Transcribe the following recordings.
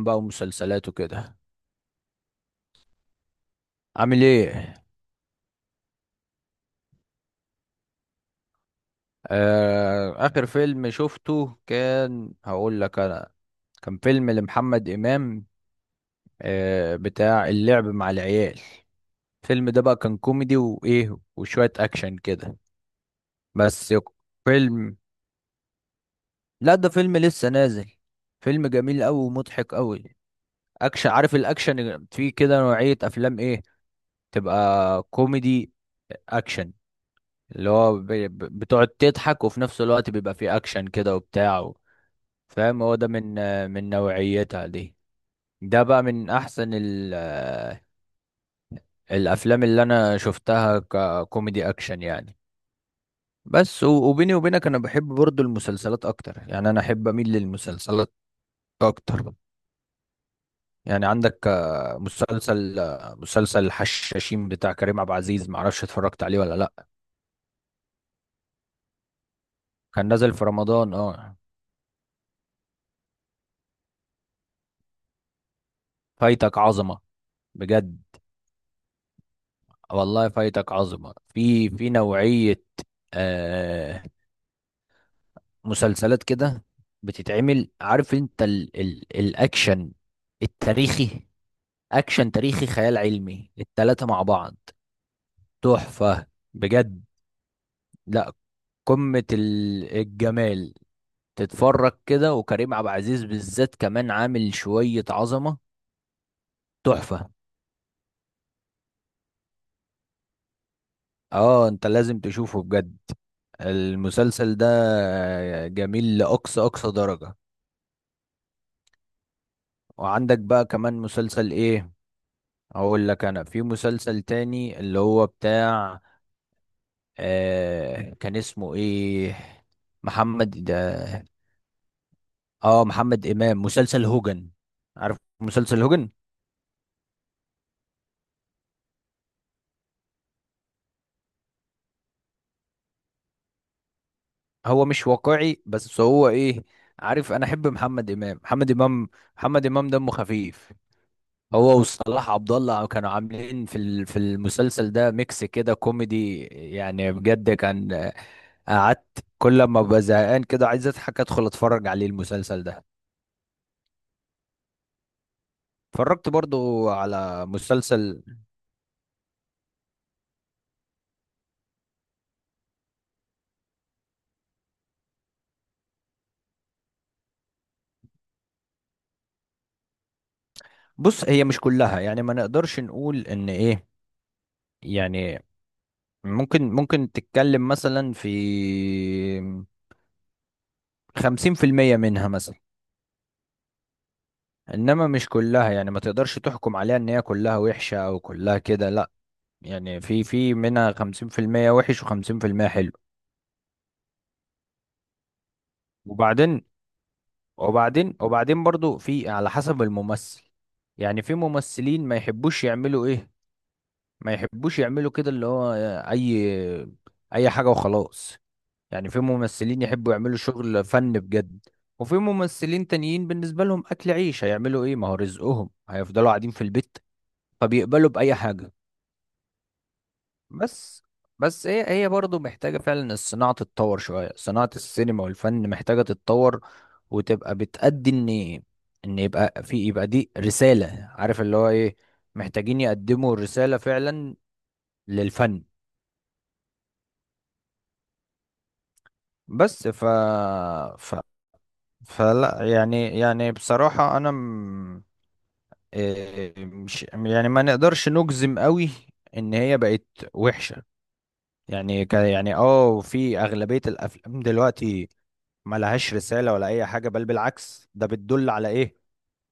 بقى ومسلسلات وكده. عامل ايه؟ آه، اخر فيلم شفته كان هقول لك انا. كان فيلم لمحمد امام. بتاع اللعب مع العيال. الفيلم ده بقى كان كوميدي وايه وشوية اكشن كده. بس يق- فيلم، لا ده فيلم لسه نازل. فيلم جميل قوي ومضحك قوي. اكشن، عارف الاكشن فيه كده نوعية افلام ايه؟ تبقى كوميدي اكشن، اللي هو بتقعد تضحك، وفي نفس الوقت بيبقى فيه اكشن كده وبتاع فاهم. هو ده من من نوعيتها دي. ده بقى من احسن ال آه، الافلام اللي انا شفتها ككوميدي اكشن يعني. وبيني وبينك انا بحب برضو المسلسلات اكتر، يعني انا احب اميل للمسلسلات اكتر. يعني عندك مسلسل مسلسل الحشاشين بتاع كريم عبد العزيز، معرفش اتفرجت عليه ولا لا. كان نازل في رمضان، اه. فايتك عظمة. بجد والله، فايتك عظمة في نوعية آه مسلسلات كده بتتعمل. عارف انت ال الأكشن التاريخي. أكشن تاريخي خيال علمي، التلاتة مع بعض. تحفة، بجد. لا، قمة الجمال. تتفرج كده، وكريم عبد العزيز بالذات كمان عامل شوية عظمة. تحفة. اه انت لازم تشوفه بجد المسلسل ده. جميل لأقصى أقصى درجة. وعندك بقى كمان مسلسل ايه، اقول لك انا، في مسلسل تاني اللي هو بتاع كان اسمه ايه؟ محمد اه، محمد امام، مسلسل هوجن. عارف مسلسل هوجن؟ هو مش واقعي بس هو ايه، عارف انا احب محمد امام. محمد امام دمه خفيف. هو وصلاح عبد الله كانوا عاملين في في المسلسل ده ميكس كده كوميدي، يعني بجد كان. قعدت كل ما ببقى زهقان كده عايز اضحك ادخل اتفرج عليه المسلسل ده. اتفرجت برضو على مسلسل. بص هي مش كلها، يعني ما نقدرش نقول ان ايه، يعني ممكن تتكلم مثلا في 50% منها مثلا. انما مش كلها، يعني ما تقدرش تحكم عليها ان هي كلها وحشة او كلها كده، لا. يعني في في منها 50% وحش وخمسين في المية حلو. وبعدين وبعدين برضو في على حسب الممثل. يعني في ممثلين ما يحبوش يعملوا ايه، ما يحبوش يعملوا كده، اللي هو اي اي حاجة وخلاص. يعني في ممثلين يحبوا يعملوا شغل فن بجد، وفي ممثلين تانيين بالنسبة لهم اكل عيش، هيعملوا ايه، ما هو رزقهم، هيفضلوا قاعدين في البيت؟ فبيقبلوا بأي حاجة. بس، بس هي برضه محتاجة فعلا الصناعة تتطور شوية، صناعة السينما والفن محتاجة تتطور وتبقى بتأدي ان يبقى يبقى دي رسالة. عارف اللي هو ايه، محتاجين يقدموا الرسالة فعلا للفن. بس ف ف فلا يعني، بصراحة إيه، مش يعني ما نقدرش نجزم قوي ان هي بقت وحشة. يعني يعني اه في اغلبية الافلام دلوقتي ما لهاش رسالة ولا أي حاجة، بل بالعكس ده بتدل على إيه؟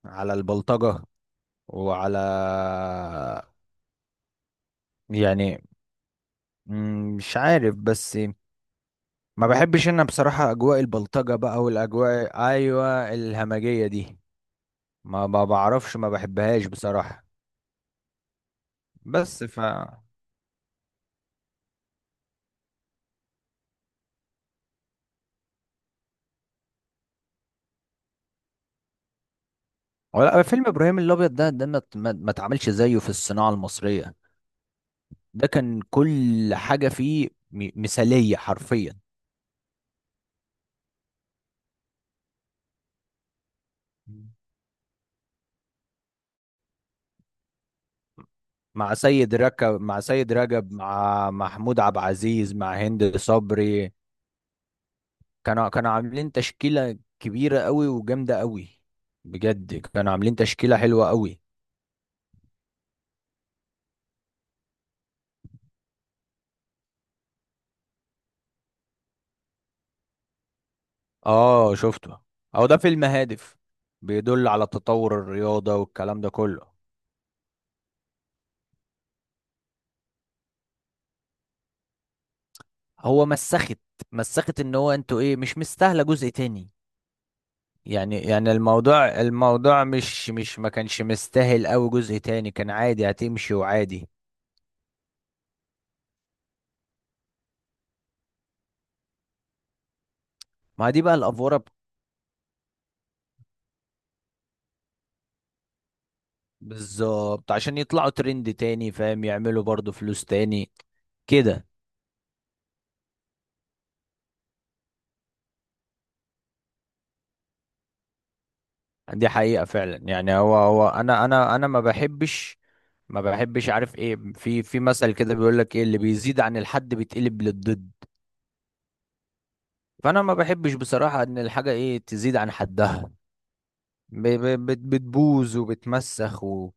على البلطجة وعلى، يعني، مش عارف. بس ما بحبش أنا بصراحة أجواء البلطجة بقى والأجواء، أيوة، الهمجية دي. ما بعرفش، ما بحبهاش بصراحة. بس ف ولا فيلم إبراهيم الأبيض، ده ما اتعملش زيه في الصناعة المصرية. ده كان كل حاجة فيه مثالية حرفيا. مع سيد رجب، مع محمود عبد العزيز، مع هند صبري. كانوا عاملين تشكيلة كبيرة قوي وجامدة قوي. بجد كانوا عاملين تشكيلة حلوة قوي. اه شفته. هو ده فيلم هادف، بيدل على تطور الرياضة والكلام ده كله. هو مسخت، مسخت ان هو انتوا ايه، مش مستاهلة جزء تاني. يعني الموضوع، الموضوع مش ما كانش مستاهل قوي جزء تاني، كان عادي هتمشي وعادي. ما دي بقى الافوره. بالظبط، عشان يطلعوا ترند تاني فاهم، يعملوا برضو فلوس تاني كده. دي حقيقة فعلا. يعني هو انا ما بحبش. عارف ايه، في في مثل كده بيقول لك ايه: اللي بيزيد عن الحد بيتقلب للضد. فانا ما بحبش بصراحة ان الحاجة ايه تزيد عن حدها، بتبوظ وبتمسخ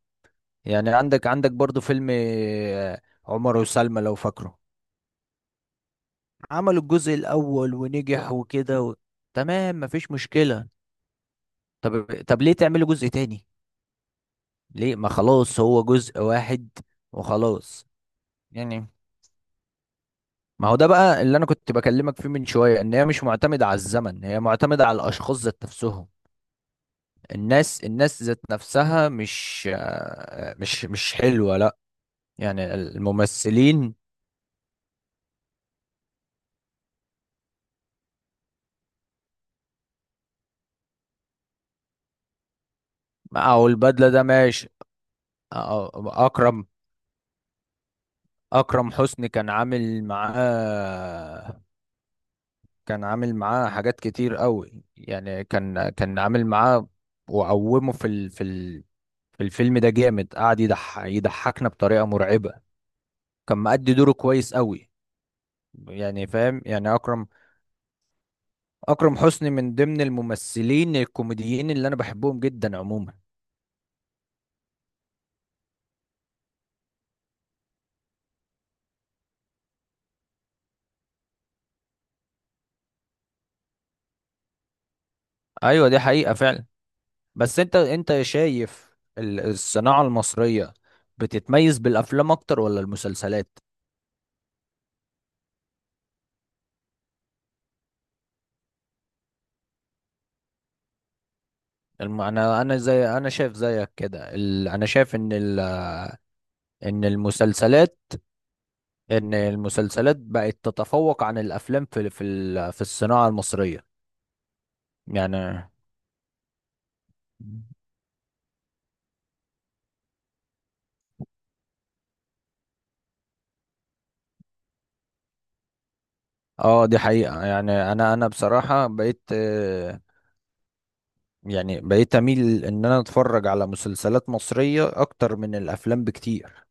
يعني عندك عندك برضو فيلم عمر وسلمى لو فاكره. عملوا الجزء الاول ونجح وكده تمام، مفيش مشكلة. طب ليه تعمله جزء تاني؟ ليه ما خلاص هو جزء واحد وخلاص. يعني ما هو ده بقى اللي انا كنت بكلمك فيه من شوية، ان هي مش معتمدة على الزمن، هي معتمدة على الاشخاص ذات نفسهم. الناس ذات نفسها، مش مش حلوة، لا. يعني الممثلين. او البدلة ده ماشي. أ- أ- اكرم اكرم حسني كان عامل معاه، كان عامل معاه حاجات كتير قوي يعني. كان عامل معاه وقومه في الفيلم ده جامد، يضحكنا بطريقة مرعبة. كان مأدي دوره كويس قوي يعني، فاهم، يعني أكرم. أكرم حسني من ضمن الممثلين الكوميديين اللي أنا بحبهم جدا عموما. أيوة، دي حقيقة فعلا. بس أنت شايف الصناعة المصرية بتتميز بالأفلام أكتر ولا المسلسلات؟ أنا زي، أنا شايف زيك كده، أنا شايف إن ان المسلسلات، ان المسلسلات بقت تتفوق عن الافلام في في الصناعه المصريه يعني. اه دي حقيقه. يعني انا بصراحه بقيت، يعني بقيت اميل ان انا اتفرج على مسلسلات مصريه اكتر من الافلام بكتير.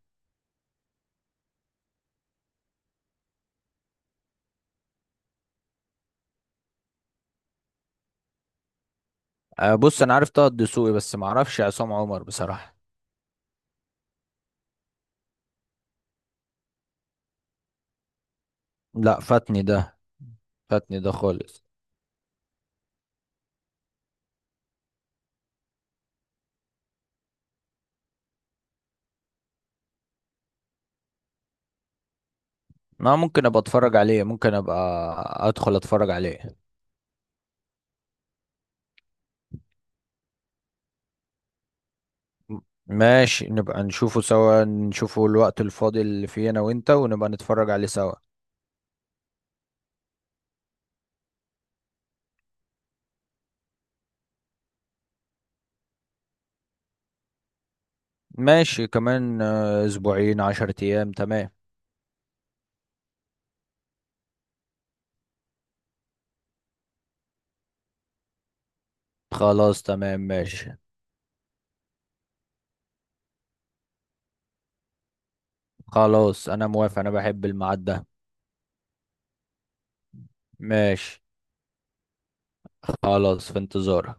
بص انا عارف طه الدسوقي بس ما اعرفش عصام عمر بصراحه. لا فاتني ده، فاتني ده خالص. ما ممكن ابقى اتفرج عليه، ممكن ابقى ادخل اتفرج عليه. ماشي نبقى نشوفه سوا، نشوفه الوقت الفاضي اللي فيه انا وانت، ونبقى نتفرج عليه سوا. ماشي، كمان اسبوعين، 10 ايام تمام. خلاص تمام ماشي. خلاص انا موافق، انا بحب الميعاد ده. ماشي خلاص، في انتظارك.